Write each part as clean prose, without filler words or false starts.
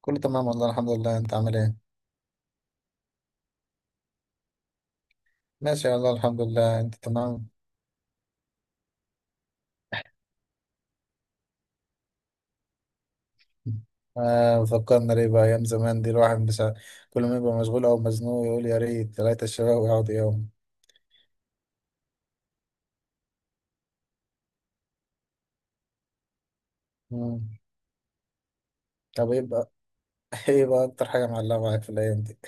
كله تمام والله الحمد لله، انت عامل ايه؟ ماشي والله الحمد لله، انت تمام؟ آه، فكرنا ليه بقى ايام زمان دي. الواحد بس كل ما يبقى مشغول او مزنوق يقول يا ريت ثلاثة الشباب ويقعدوا يوم. مم. طب ايه بقى؟ ايه بقى اكتر حاجة معلقة معاك في الايام دي؟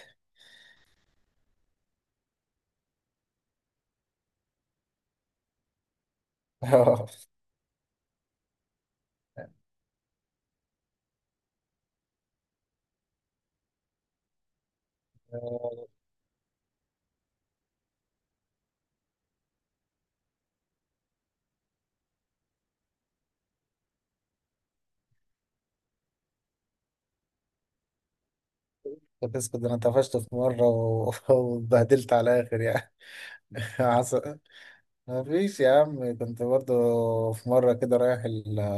اه، كنت اسكت، ده انا طفشت في مرة واتبهدلت على الاخر يعني. حصل. ما فيش يا عم، كنت برضه في مرة كده رايح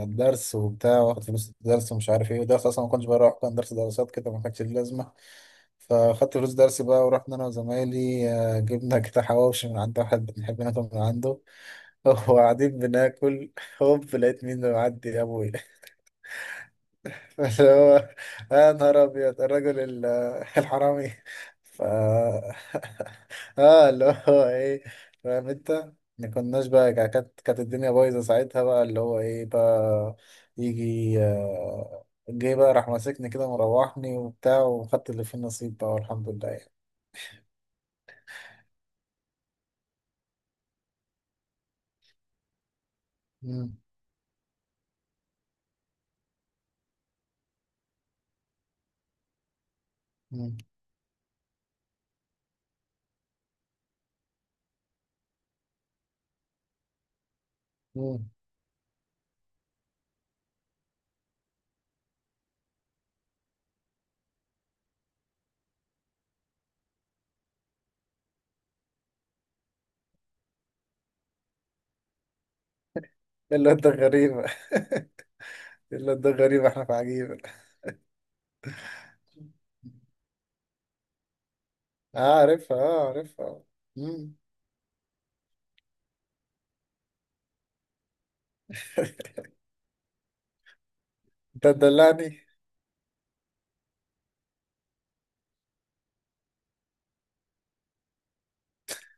الدرس وبتاع، واخد فلوس الدرس ومش عارف ايه الدرس أصلا. ما كنتش بروح، كان درس دراسات كده ما كانش ليه لازمة. فاخدت فلوس درسي بقى ورحنا أنا وزمايلي، جبنا كده حواوشي من عند واحد بنحب ناكل من عنده. وقاعدين بناكل، هوب لقيت مين اللي معدي؟ أبويا. اللي هو يا نهار ابيض الرجل الحرامي. ف اه، اللي هو ايه، فاهم انت. ما كناش بقى، كانت الدنيا بايظه ساعتها بقى. اللي هو ايه بقى، يجي جه بقى، راح ماسكني كده مروحني وبتاع، وخدت اللي فيه النصيب بقى، والحمد لله يعني. مم، مم، مم. الواد ده غريبة. الواد ده غريبة، احنا في عجيبة. اه عارفها اه عارفها. مم. انت تدلعني.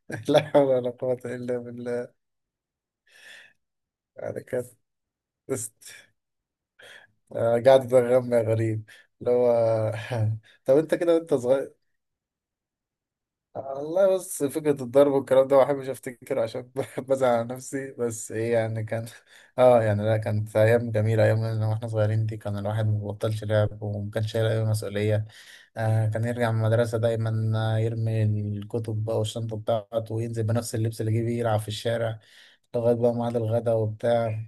لا حول ولا قوة إلا بالله. يعني كانت بس. قاعد تغمى غريب، اللي هو. طب أنت كده وأنت صغير؟ والله بص، فكرة الضرب والكلام ده ما بحبش افتكره، عشان بحب ازعل على نفسي، بس ايه يعني كان. اه يعني، لا كانت ايام جميلة، ايام لما احنا صغيرين دي كان الواحد ما بيبطلش لعب وما كانش شايل اي مسؤولية. آه، كان يرجع من المدرسة دايما، يرمي الكتب بقى والشنطة بتاعته، وينزل بنفس اللبس اللي جه بيه يلعب في الشارع لغاية بقى ميعاد الغدا وبتاع.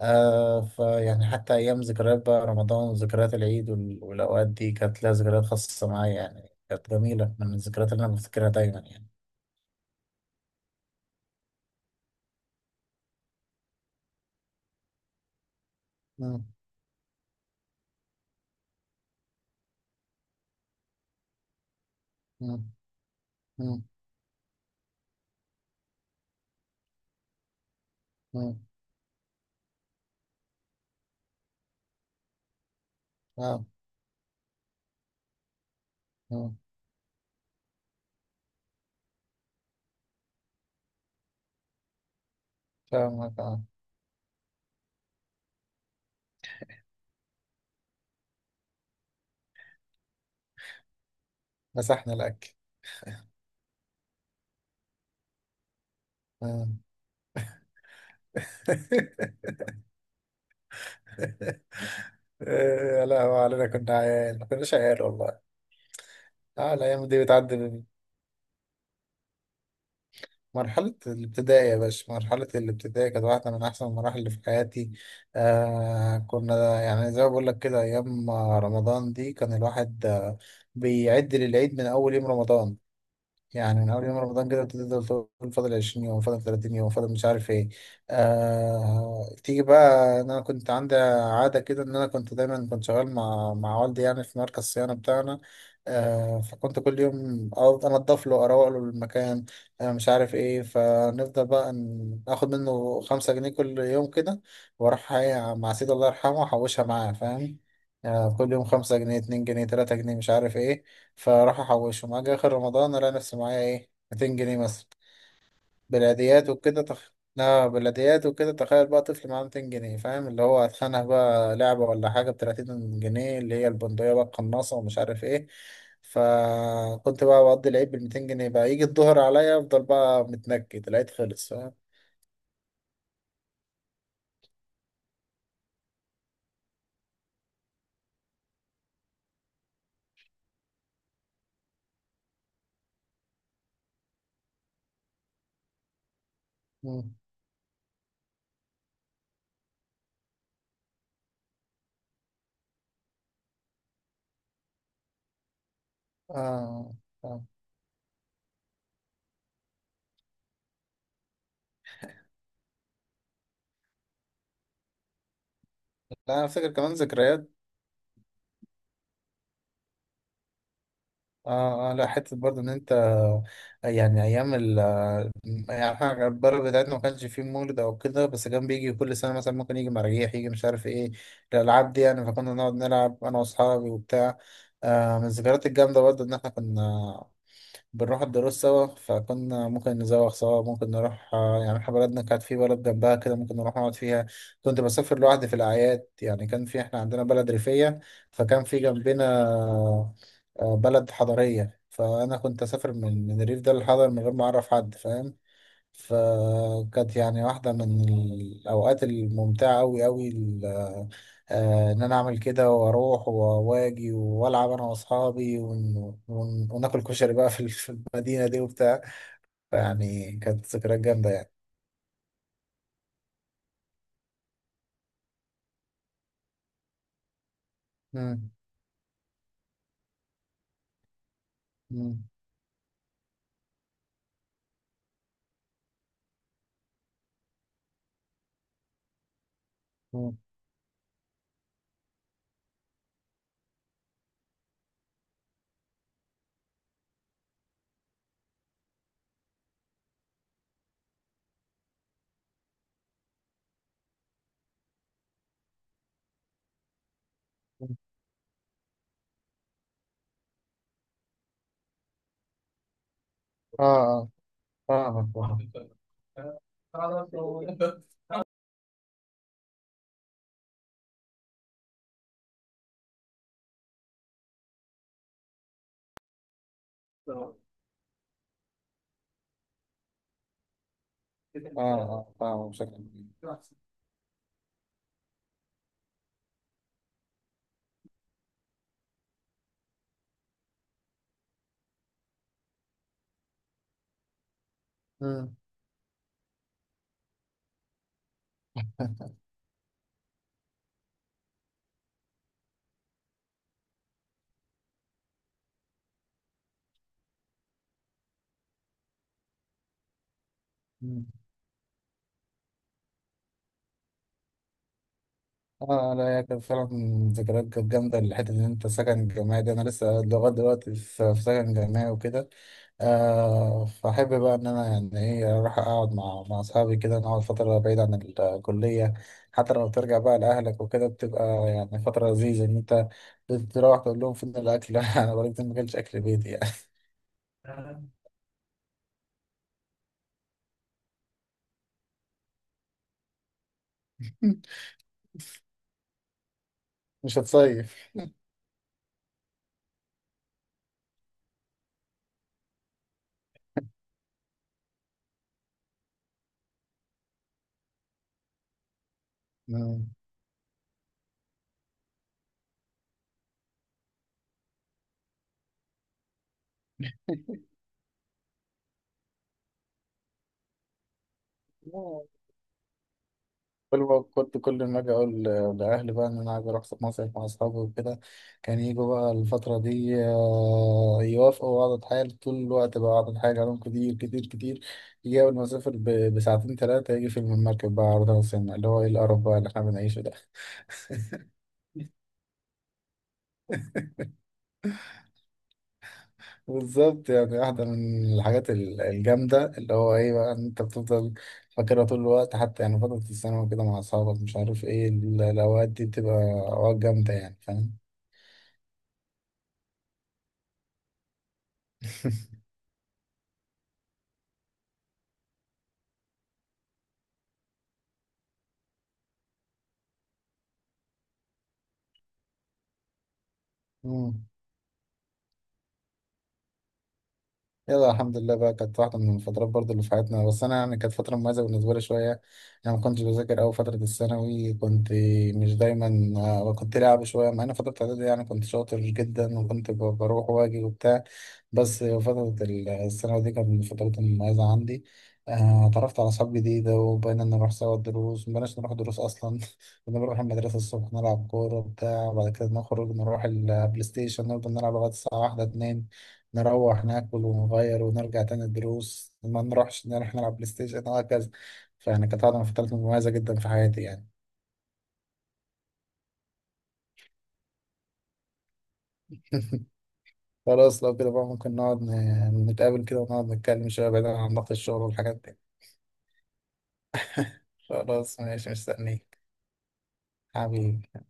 آه، فيعني حتى أيام ذكريات بقى رمضان وذكريات العيد والأوقات دي كانت لها ذكريات خاصة معايا يعني. كانت جميلة من الذكريات اللي أنا بفتكرها دايما يعني. مم. مم. مم. مم. اه. آه. فاهمك اه. مسحنا الأكل. آه. آه، لا هو علينا، كنا عيال، ما كناش عيال والله. اه، الأيام دي بتعدي من مرحلة الابتدائي يا باشا. مرحلة الابتدائي كانت واحدة من أحسن المراحل اللي في حياتي. آه كنا يعني زي ما بقول لك كده، أيام رمضان دي كان الواحد، آه، بيعد للعيد من أول يوم رمضان. يعني من اول يوم رمضان كده تفضل تقول فاضل 20 يوم، فاضل 30 يوم، فاضل مش عارف ايه. آه... تيجي بقى، إن انا كنت عندي عاده كده، ان انا كنت دايما كنت شغال مع والدي يعني في مركز الصيانه بتاعنا. آه... فكنت كل يوم أقعد انضف له، اروق له المكان، آه مش عارف ايه. فنفضل بقى اخد منه 5 جنيه كل يوم كده، واروح إيه مع سيدي الله يرحمه احوشها معاه، فاهم. آه، كل يوم 5 جنيه، 2 جنيه، 3 جنيه، مش عارف ايه. فراحوا حوشوا، اجي اخر رمضان الاقي نفسي معايا ايه، 200 جنيه مثلا. بلاديات وكده تخ... لا بلاديات وكده، تخيل بقى طفل معاه 200 جنيه، فاهم؟ اللي هو هتخانق بقى لعبة ولا حاجة ب 30 جنيه، اللي هي البندقية بقى القناصة، ومش عارف ايه. فكنت بقى بقضي العيد بال 200 جنيه بقى، يجي الظهر عليا افضل بقى متنكد، العيد خلص، فاهم. مم. آه. آه. لا انا فاكر كمان ذكريات. اه اه لا، حتة برضه ان انت يعني ايام. يعني احنا البلد بتاعتنا ما كانش فيه مولد او كده، بس كان بيجي كل سنه مثلا ممكن يجي مراجيح، يجي مش عارف ايه الالعاب دي يعني. فكنا نقعد نلعب انا واصحابي وبتاع. آه، من الذكريات الجامده برضه ان احنا كنا بنروح الدروس سوا. فكنا ممكن نزوغ سوا، ممكن نروح، آه يعني احنا بلدنا كانت في بلد جنبها كده، ممكن نروح نقعد فيها. كنت بسافر لوحدي في الاعياد، يعني كان في، احنا عندنا بلد ريفيه، فكان في جنبنا آه بلد حضريه. فانا كنت اسافر من الريف ده للحضر من غير ما اعرف حد، فاهم. فكانت يعني واحدة من الأوقات الممتعة أوي أوي آه، إن أنا أعمل كده وأروح وأواجي وألعب أنا وأصحابي وناكل كشري بقى في في المدينة دي وبتاع. فيعني كانت ذكريات جامدة يعني. مم. مم. مم. آه آه، فاهمك فاهمك. آه آه، فاهمك بشكل كبير. مم. اه لا، هي كانت فعلا ذكريات كانت جامدة. الحتة إن أنت سكن جامعي ده، أنا لسه لغاية دلوقتي في في سكن جامعي وكده. آه، فأحب بقى إن أنا يعني إيه أروح أقعد مع أصحابي كده، نقعد فترة بعيد عن الكلية. حتى لو ترجع بقى لأهلك وكده بتبقى يعني فترة لذيذة، إن أنت تروح تقول لهم فين الأكل؟ أنا بقالي كتير ما أكلتش أكل بيتي يعني. مش هتصيف؟ مم. كل ما كنت، كل ما اجي اقول لاهلي بقى ان انا عايز اروح مصيف مع اصحابي وكده، كان يجوا بقى الفتره دي، آه، يوافقوا، واقعد اتحايل طول الوقت بقى، اقعد اتحايل عليهم كتير كتير كتير. يجي اول ما اسافر بساعتين ثلاثه، يجي فيلم المركب بقى عرضها على السينما، اللي هو ايه القرف بقى اللي احنا بنعيشه ده. بالظبط. يعني واحده من الحاجات الجامده اللي هو ايه بقى، ان انت بتفضل فاكرها طول الوقت. حتى يعني فتره الثانوي كده مع اصحابك مش عارف ايه، الاوقات دي بتبقى اوقات جامده يعني، فاهم. يلا الحمد لله بقى، كانت واحدة من الفترات برضو اللي في حياتنا. بس أنا يعني كانت فترة مميزة بالنسبة لي شوية. أنا ما كنتش بذاكر أوي فترة الثانوي. كنت مش دايما، آه، كنت لعب شوية، مع إن فترة الإعدادي يعني كنت شاطر جدا، وكنت بروح وأجي وبتاع. بس فترة الثانوي دي كانت من الفترات المميزة عندي. آه، اتعرفت على أصحاب جديدة، وبقينا نروح سوا الدروس. مبقناش نروح دروس أصلا. كنا بنروح المدرسة الصبح نلعب كورة وبتاع، وبعد كده نخرج نروح البلاي ستيشن، نفضل نلعب لغاية الساعة واحدة اتنين، نروح ناكل ونغير ونرجع تاني. الدروس ما نروحش، نروح نلعب بلاي ستيشن وهكذا. فيعني كانت قاعدة فترة مميزة جدا في حياتي يعني. خلاص لو كده بقى، ممكن نقعد نتقابل كده ونقعد نتكلم شوية بعيدا عن ضغط الشغل والحاجات دي. خلاص ماشي، مستنيك حبيبي.